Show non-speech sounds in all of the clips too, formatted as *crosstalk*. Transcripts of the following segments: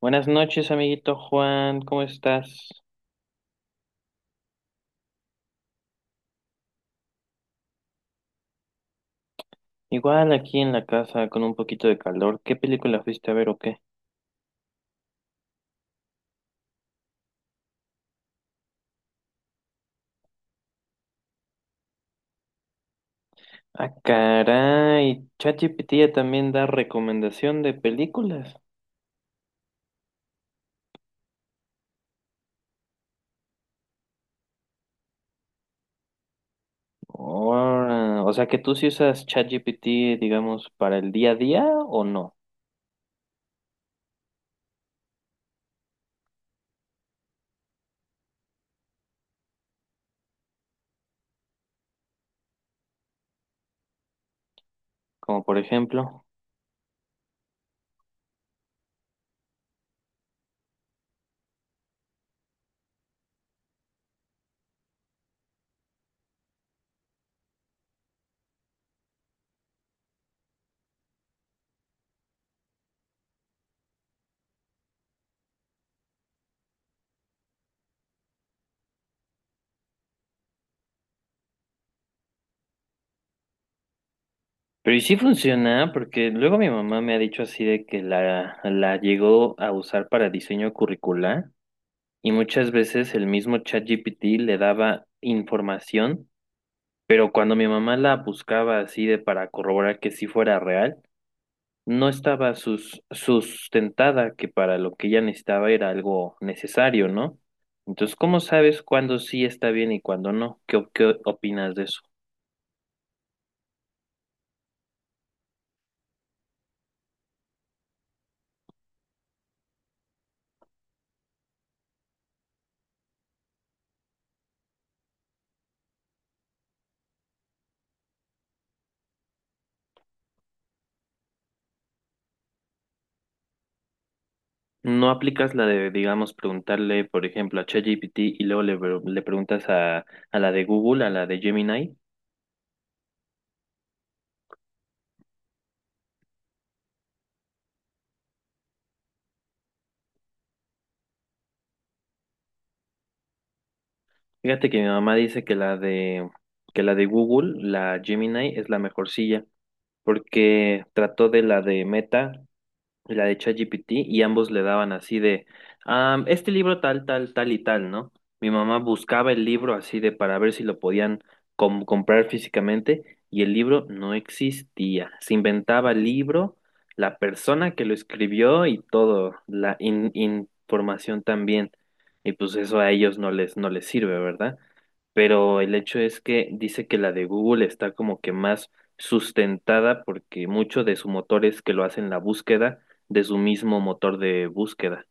Buenas noches, amiguito Juan, ¿cómo estás? Igual aquí en la casa con un poquito de calor. ¿Qué película fuiste a ver o qué? Ah, caray, ChatGPT ya también da recomendación de películas. Ora, o sea que tú sí usas ChatGPT, digamos, para el día a día o no, como por ejemplo. Pero y sí funciona, porque luego mi mamá me ha dicho así de que la llegó a usar para diseño curricular. Y muchas veces el mismo ChatGPT le daba información, pero cuando mi mamá la buscaba así de para corroborar que sí fuera real, no estaba sustentada, que para lo que ella necesitaba era algo necesario, ¿no? Entonces, ¿cómo sabes cuándo sí está bien y cuándo no? Qué opinas de eso? ¿No aplicas la de, digamos, preguntarle, por ejemplo, a ChatGPT y luego le preguntas a la de Google, a la de Gemini? Fíjate que mi mamá dice que la de Google, la Gemini, es la mejor silla, porque trató de la de Meta y la de ChatGPT y ambos le daban así de, este libro tal, tal, tal y tal, ¿no? Mi mamá buscaba el libro así de para ver si lo podían comprar físicamente y el libro no existía. Se inventaba el libro, la persona que lo escribió y todo, la información también. Y pues eso a ellos no les sirve, ¿verdad? Pero el hecho es que dice que la de Google está como que más sustentada porque mucho de su motor es que lo hacen la búsqueda de su mismo motor de búsqueda.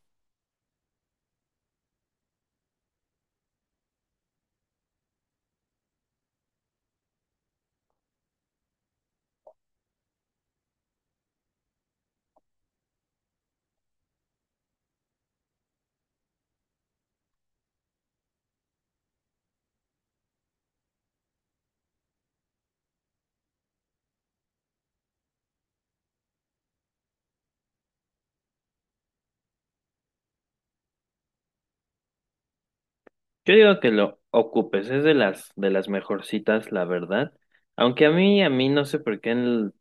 Yo digo que lo ocupes, es de las mejorcitas, la verdad. Aunque a mí no sé por qué en,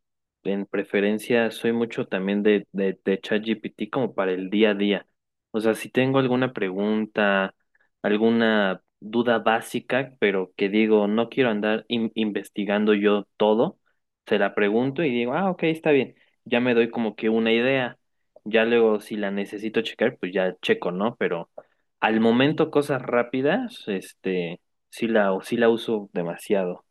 en preferencia soy mucho también de ChatGPT como para el día a día. O sea, si tengo alguna pregunta, alguna duda básica, pero que digo, no quiero andar investigando yo todo, se la pregunto y digo, ah, ok, está bien. Ya me doy como que una idea. Ya luego, si la necesito checar, pues ya checo, ¿no? Pero al momento, cosas rápidas, este, sí la uso demasiado.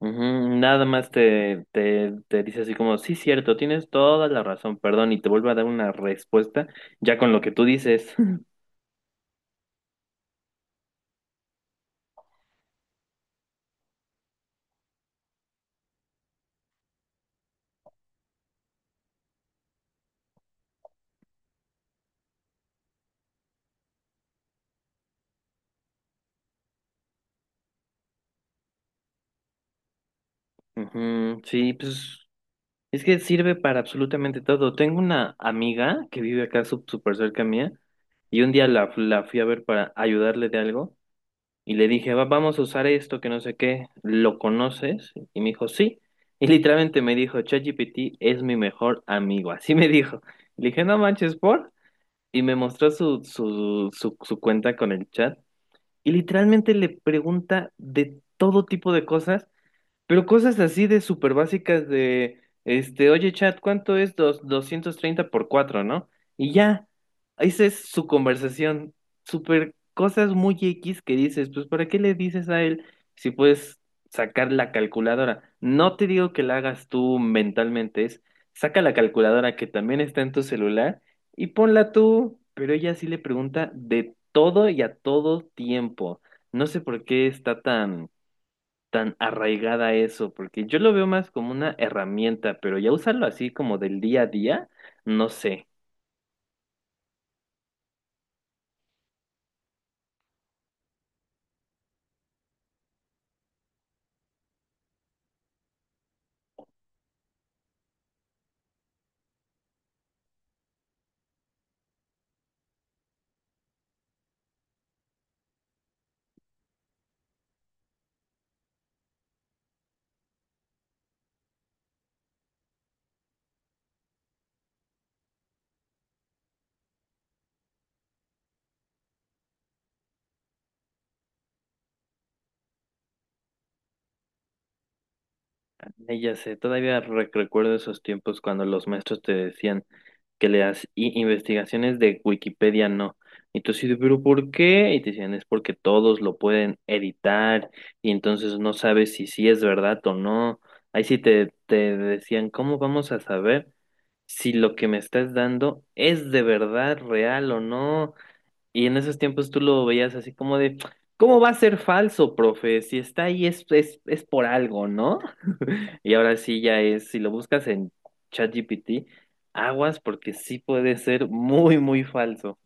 Ujú. Nada más te dice así como, sí, cierto, tienes toda la razón, perdón, y te vuelve a dar una respuesta ya con lo que tú dices. *laughs* Ujú. Sí, pues es que sirve para absolutamente todo. Tengo una amiga que vive acá súper cerca mía y un día la fui a ver para ayudarle de algo. Y le dije, vamos a usar esto, que no sé qué, ¿lo conoces? Y me dijo, sí. Y literalmente me dijo, ChatGPT es mi mejor amigo, así me dijo. Le dije, no manches, ¿por? Y me mostró su cuenta con el chat. Y literalmente le pregunta de todo tipo de cosas, pero cosas así de súper básicas de, este, oye chat, ¿cuánto es 230 por cuatro, no? Y ya, esa es su conversación. Súper cosas muy X que dices, pues ¿para qué le dices a él si puedes sacar la calculadora? No te digo que la hagas tú mentalmente, es saca la calculadora que también está en tu celular y ponla tú, pero ella sí le pregunta de todo y a todo tiempo. No sé por qué está tan arraigada a eso, porque yo lo veo más como una herramienta, pero ya usarlo así como del día a día, no sé. Ya sé, todavía recuerdo esos tiempos cuando los maestros te decían que leas investigaciones de Wikipedia, no. Y tú así de, pero ¿por qué? Y te decían, es porque todos lo pueden editar y entonces no sabes si sí es verdad o no. Ahí sí te decían, ¿cómo vamos a saber si lo que me estás dando es de verdad real o no? Y en esos tiempos tú lo veías así como de, ¿cómo va a ser falso, profe? Si está ahí es por algo, ¿no? *laughs* Y ahora sí ya es, si lo buscas en ChatGPT, aguas porque sí puede ser muy, muy falso.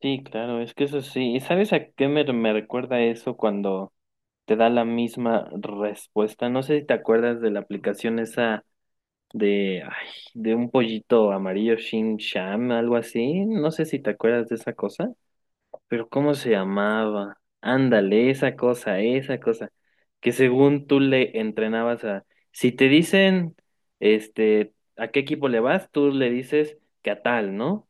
Sí, claro, es que eso sí. ¿Y sabes a qué me recuerda eso cuando te da la misma respuesta? No sé si te acuerdas de la aplicación esa de, ay, de un pollito amarillo, Shin Sham, algo así. No sé si te acuerdas de esa cosa. Pero ¿cómo se llamaba? Ándale, esa cosa, esa cosa. Que según tú le entrenabas a... Si te dicen, este, a qué equipo le vas, tú le dices que a tal, ¿no?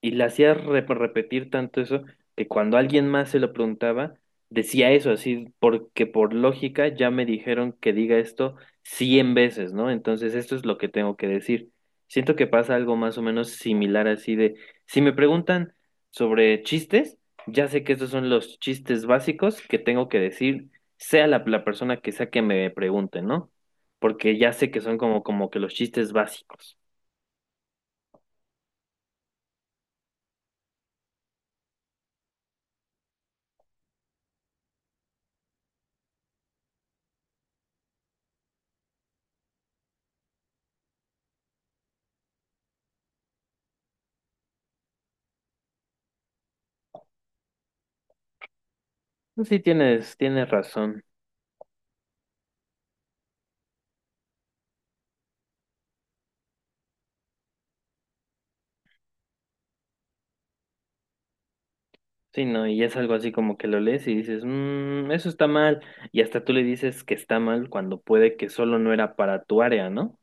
Y le hacía repetir tanto eso que cuando alguien más se lo preguntaba, decía eso así, porque por lógica ya me dijeron que diga esto 100 veces, ¿no? Entonces esto es lo que tengo que decir. Siento que pasa algo más o menos similar así de, si me preguntan sobre chistes, ya sé que estos son los chistes básicos que tengo que decir, sea la persona que sea que me pregunte, ¿no? Porque ya sé que son como que los chistes básicos. Pues sí, tienes razón. Sí, no, y es algo así como que lo lees y dices, eso está mal. Y hasta tú le dices que está mal cuando puede que solo no era para tu área, ¿no?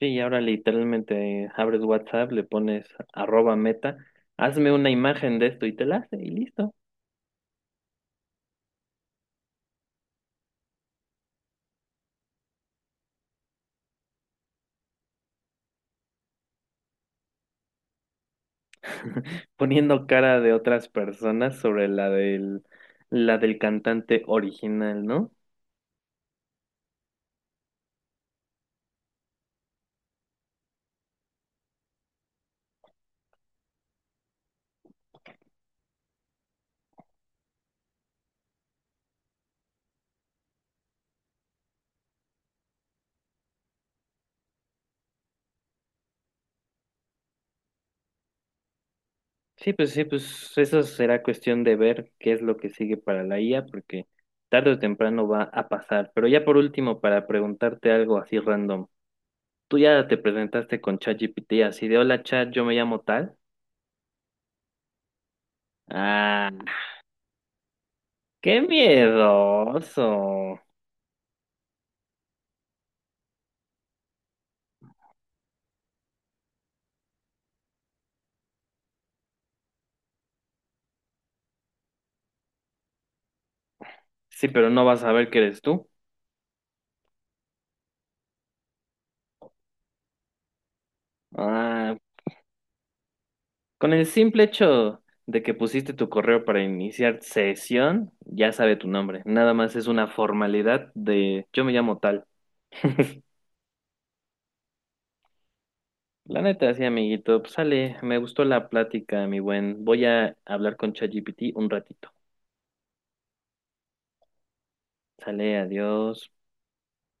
Sí, y ahora literalmente abres WhatsApp, le pones arroba meta, hazme una imagen de esto y te la hace y listo. *laughs* Poniendo cara de otras personas sobre la del cantante original, ¿no? Sí, pues eso será cuestión de ver qué es lo que sigue para la IA, porque tarde o temprano va a pasar. Pero ya por último, para preguntarte algo así random, tú ya te presentaste con ChatGPT así de hola chat, yo me llamo tal. Ah, qué miedoso. Sí, pero no vas a ver que eres tú. Ah, con el simple hecho de que pusiste tu correo para iniciar sesión, ya sabe tu nombre. Nada más es una formalidad de yo me llamo tal. La neta, sí, amiguito. Pues sale, me gustó la plática, mi buen. Voy a hablar con ChatGPT un ratito. Sale, adiós.